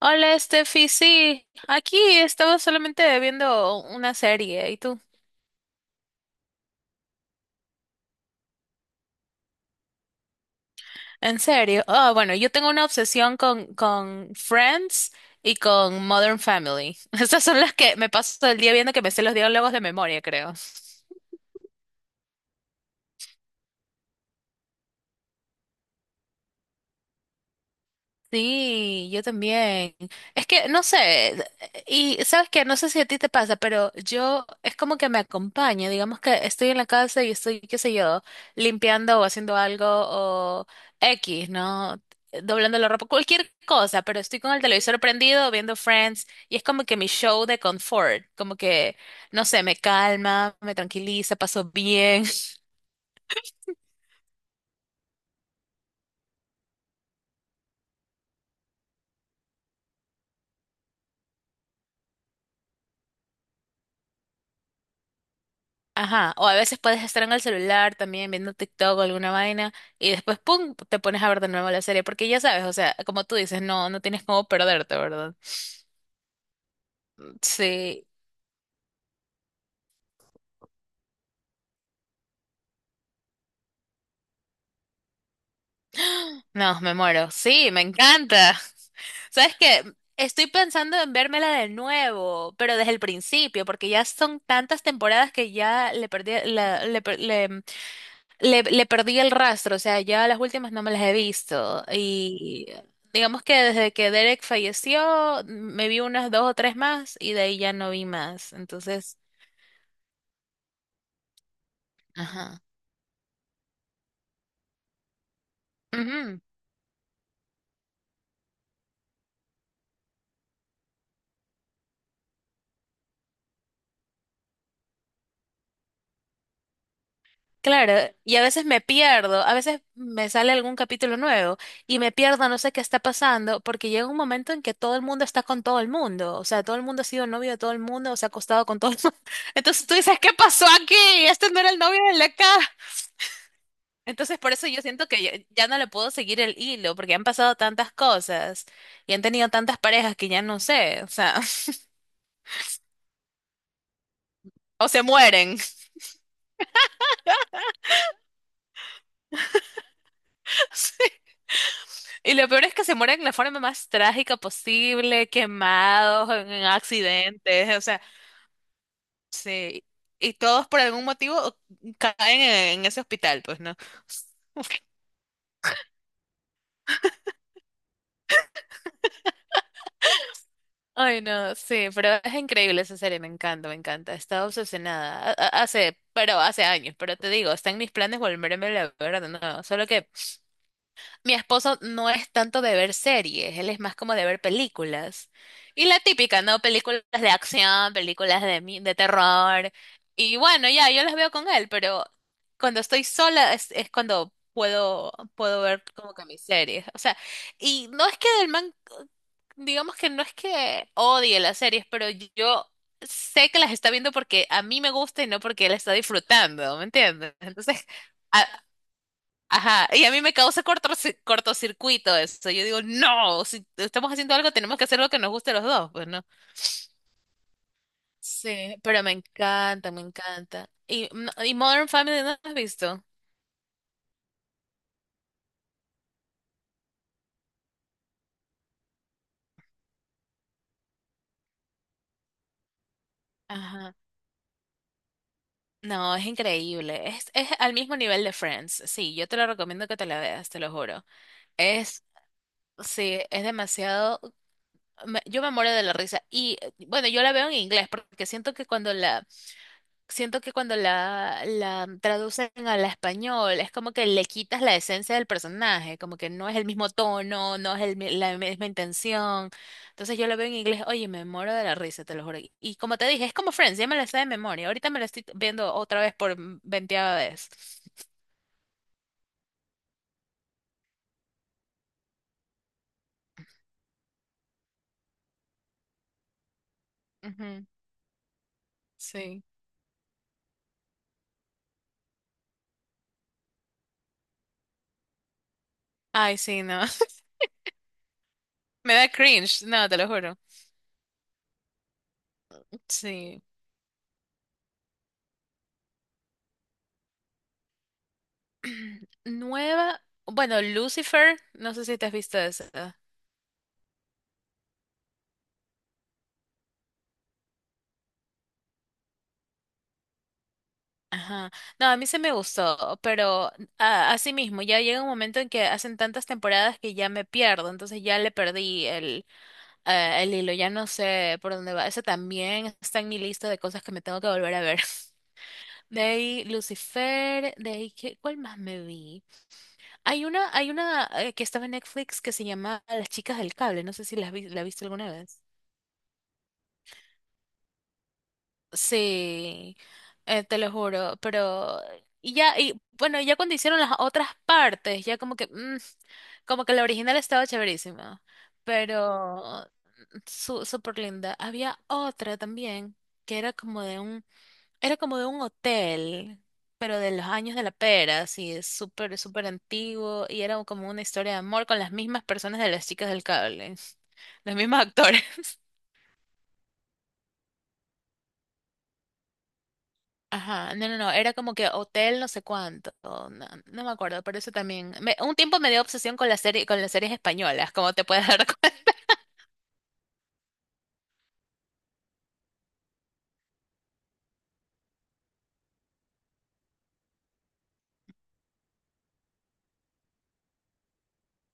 Hola, Steffi, sí, aquí estaba solamente viendo una serie, ¿y tú? ¿En serio? Ah, bueno, yo tengo una obsesión con Friends y con Modern Family. Estas son las que me paso todo el día viendo que me sé los diálogos de memoria, creo. Sí, yo también. Es que no sé, y sabes que no sé si a ti te pasa, pero yo es como que me acompaña, digamos que estoy en la casa y estoy, qué sé yo, limpiando o haciendo algo o X, ¿no? Doblando la ropa, cualquier cosa, pero estoy con el televisor prendido viendo Friends y es como que mi show de confort, como que, no sé, me calma, me tranquiliza, paso bien. Ajá, o a veces puedes estar en el celular también viendo TikTok o alguna vaina y después, ¡pum!, te pones a ver de nuevo la serie porque ya sabes, o sea, como tú dices, no, no tienes cómo perderte, ¿verdad? Sí, no, me muero, sí, me encanta. ¿Sabes qué? Estoy pensando en vérmela de nuevo, pero desde el principio, porque ya son tantas temporadas que ya le perdí, la, le, per- le- Le perdí el rastro, o sea, ya las últimas no me las he visto. Y digamos que desde que Derek falleció, me vi unas dos o tres más y de ahí ya no vi más. Entonces, ajá. Ujú. Claro, y a veces me pierdo, a veces me sale algún capítulo nuevo y me pierdo, no sé qué está pasando, porque llega un momento en que todo el mundo está con todo el mundo, o sea, todo el mundo ha sido novio de todo el mundo, o se ha acostado con todo el mundo. Entonces tú dices, ¿qué pasó aquí? Este no era el novio de la acá. Entonces, por eso yo siento que ya no le puedo seguir el hilo, porque han pasado tantas cosas y han tenido tantas parejas que ya no sé, o sea, o se mueren. Sí. Y lo peor es que se mueren de la forma más trágica posible, quemados, en accidentes, o sea, sí. Y todos por algún motivo caen en ese hospital, pues, ¿no? Ay, no, sí, pero es increíble esa serie, me encanta, me encanta. He estado obsesionada. Hace, pero hace años, pero te digo, está en mis planes volverme a ver de nuevo. Solo que mi esposo no es tanto de ver series, él es más como de ver películas. Y la típica, ¿no? Películas de acción, películas de terror. Y bueno, ya, yo las veo con él, pero cuando estoy sola es cuando puedo ver como que mis series. O sea, y no es que del man, digamos que no es que odie las series, pero yo sé que las está viendo porque a mí me gusta y no porque él está disfrutando, ¿me entiendes? Entonces... Ajá, y a mí me causa cortocircuito eso. Yo digo, no, si estamos haciendo algo, tenemos que hacer lo que nos guste a los dos, pues no. Sí, pero me encanta, me encanta. Y Modern Family no has visto. Ajá. No, es increíble. Es al mismo nivel de Friends. Sí, yo te lo recomiendo que te la veas, te lo juro. Es, sí, es demasiado. Yo me muero de la risa. Y bueno, yo la veo en inglés porque siento que cuando la traducen al español es como que le quitas la esencia del personaje, como que no es el mismo tono, no es la misma intención. Entonces yo lo veo en inglés, oye, me muero de la risa, te lo juro. Y como te dije, es como Friends, ya me la sé de memoria. Ahorita me la estoy viendo otra vez por veinteava vez. Ujú, sí. Ay, sí, no. Me da cringe, no, te lo juro. Sí. Nueva, bueno, Lucifer, no sé si te has visto esa. Ajá. No, a mí se me gustó, pero así mismo, ya llega un momento en que hacen tantas temporadas que ya me pierdo, entonces ya le perdí el hilo, ya no sé por dónde va. Ese también está en mi lista de cosas que me tengo que volver a ver. De ahí Lucifer, de ahí ¿cuál más me vi? Hay una, que estaba en Netflix que se llama Las Chicas del Cable, no sé si la viste alguna vez. Sí, te lo juro, pero y ya, y bueno, ya cuando hicieron las otras partes, ya como que, como que la original estaba chéverísima, pero súper linda. Había otra también que era como de un hotel, pero de los años de la pera, así, es súper, súper antiguo, y era como una historia de amor con las mismas personas de Las Chicas del Cable, los mismos actores. Ajá, no, no, no, era como que hotel no sé cuánto, no, no me acuerdo, pero eso también, un tiempo me dio obsesión con la serie, con las series españolas, como te puedes dar cuenta.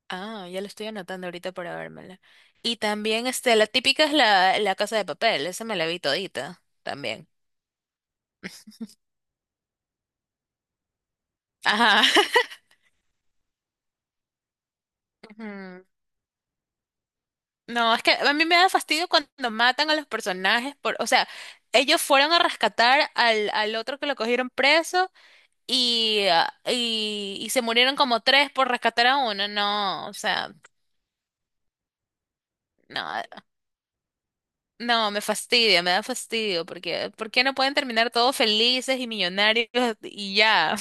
Ah, ya lo estoy anotando ahorita para vérmela. Y también, este, la típica es la Casa de Papel, esa me la vi todita, también. Ajá. Ujú. No, es que a mí me da fastidio cuando matan a los personajes por, o sea, ellos fueron a rescatar al otro que lo cogieron preso y se murieron como tres por rescatar a uno. No, o sea, no, no, me fastidia, me da fastidio, porque ¿por qué no pueden terminar todos felices y millonarios y ya?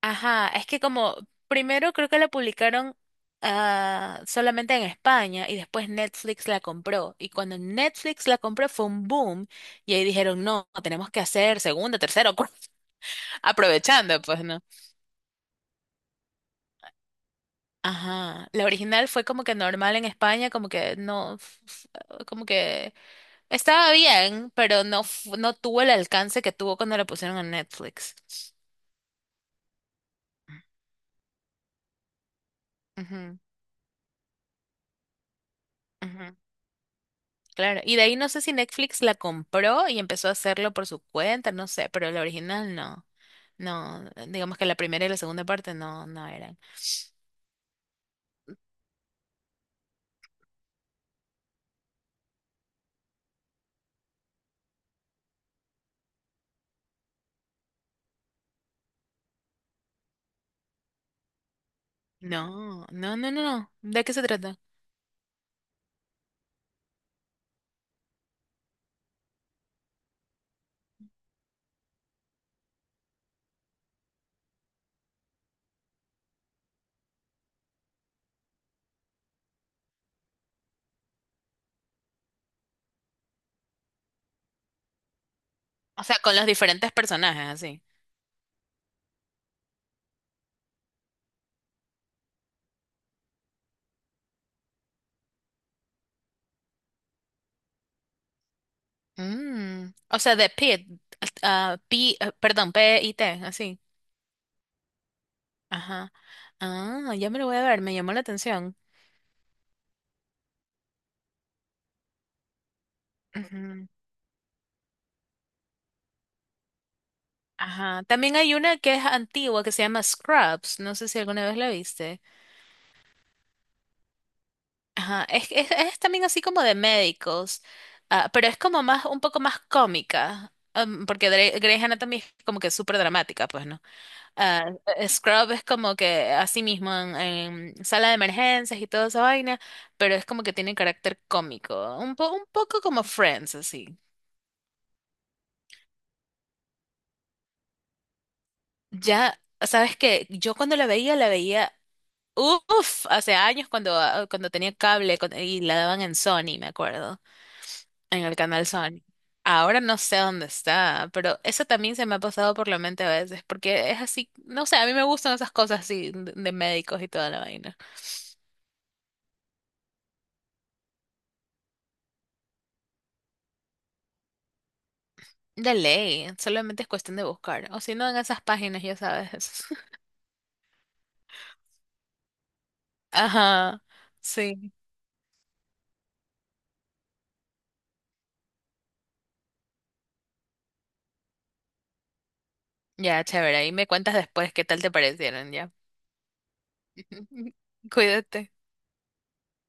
Ajá, es que como primero creo que la publicaron solamente en España y después Netflix la compró. Y cuando Netflix la compró fue un boom y ahí dijeron, no, tenemos que hacer segunda, tercera, o cuarta, aprovechando, pues, ¿no? Ajá, la original fue como que normal en España, como que no, como que estaba bien, pero no, no tuvo el alcance que tuvo cuando la pusieron en Netflix. Ujú, ujú. Claro, y de ahí no sé si Netflix la compró y empezó a hacerlo por su cuenta, no sé, pero la original no, no, digamos que la primera y la segunda parte no, no eran. No, no, no, no, no. ¿De qué se trata? O sea, con los diferentes personajes, así. O sea, de Pit, P, perdón, Pit, así. Ajá. Ah, ya me lo voy a ver, me llamó la atención. Ujú. Ajá. También hay una que es antigua que se llama Scrubs. No sé si alguna vez la viste. Ajá, es también así como de médicos, pero es como más, un poco más cómica, porque Grey's Anatomy es como que súper dramática, pues, ¿no? Ah, Scrub es como que así mismo en sala de emergencias y toda esa vaina, pero es como que tiene carácter cómico, un poco como Friends, así. Ya, sabes que yo cuando la veía, uff, hace años cuando tenía cable y la daban en Sony, me acuerdo. En el canal Sony. Ahora no sé dónde está, pero eso también se me ha pasado por la mente a veces, porque es así, no sé, a mí me gustan esas cosas así de médicos y toda la vaina. De ley, solamente es cuestión de buscar, o si no en esas páginas, ya sabes. Ajá, sí, ya, chévere, ahí me cuentas después qué tal te parecieron, ya. Cuídate.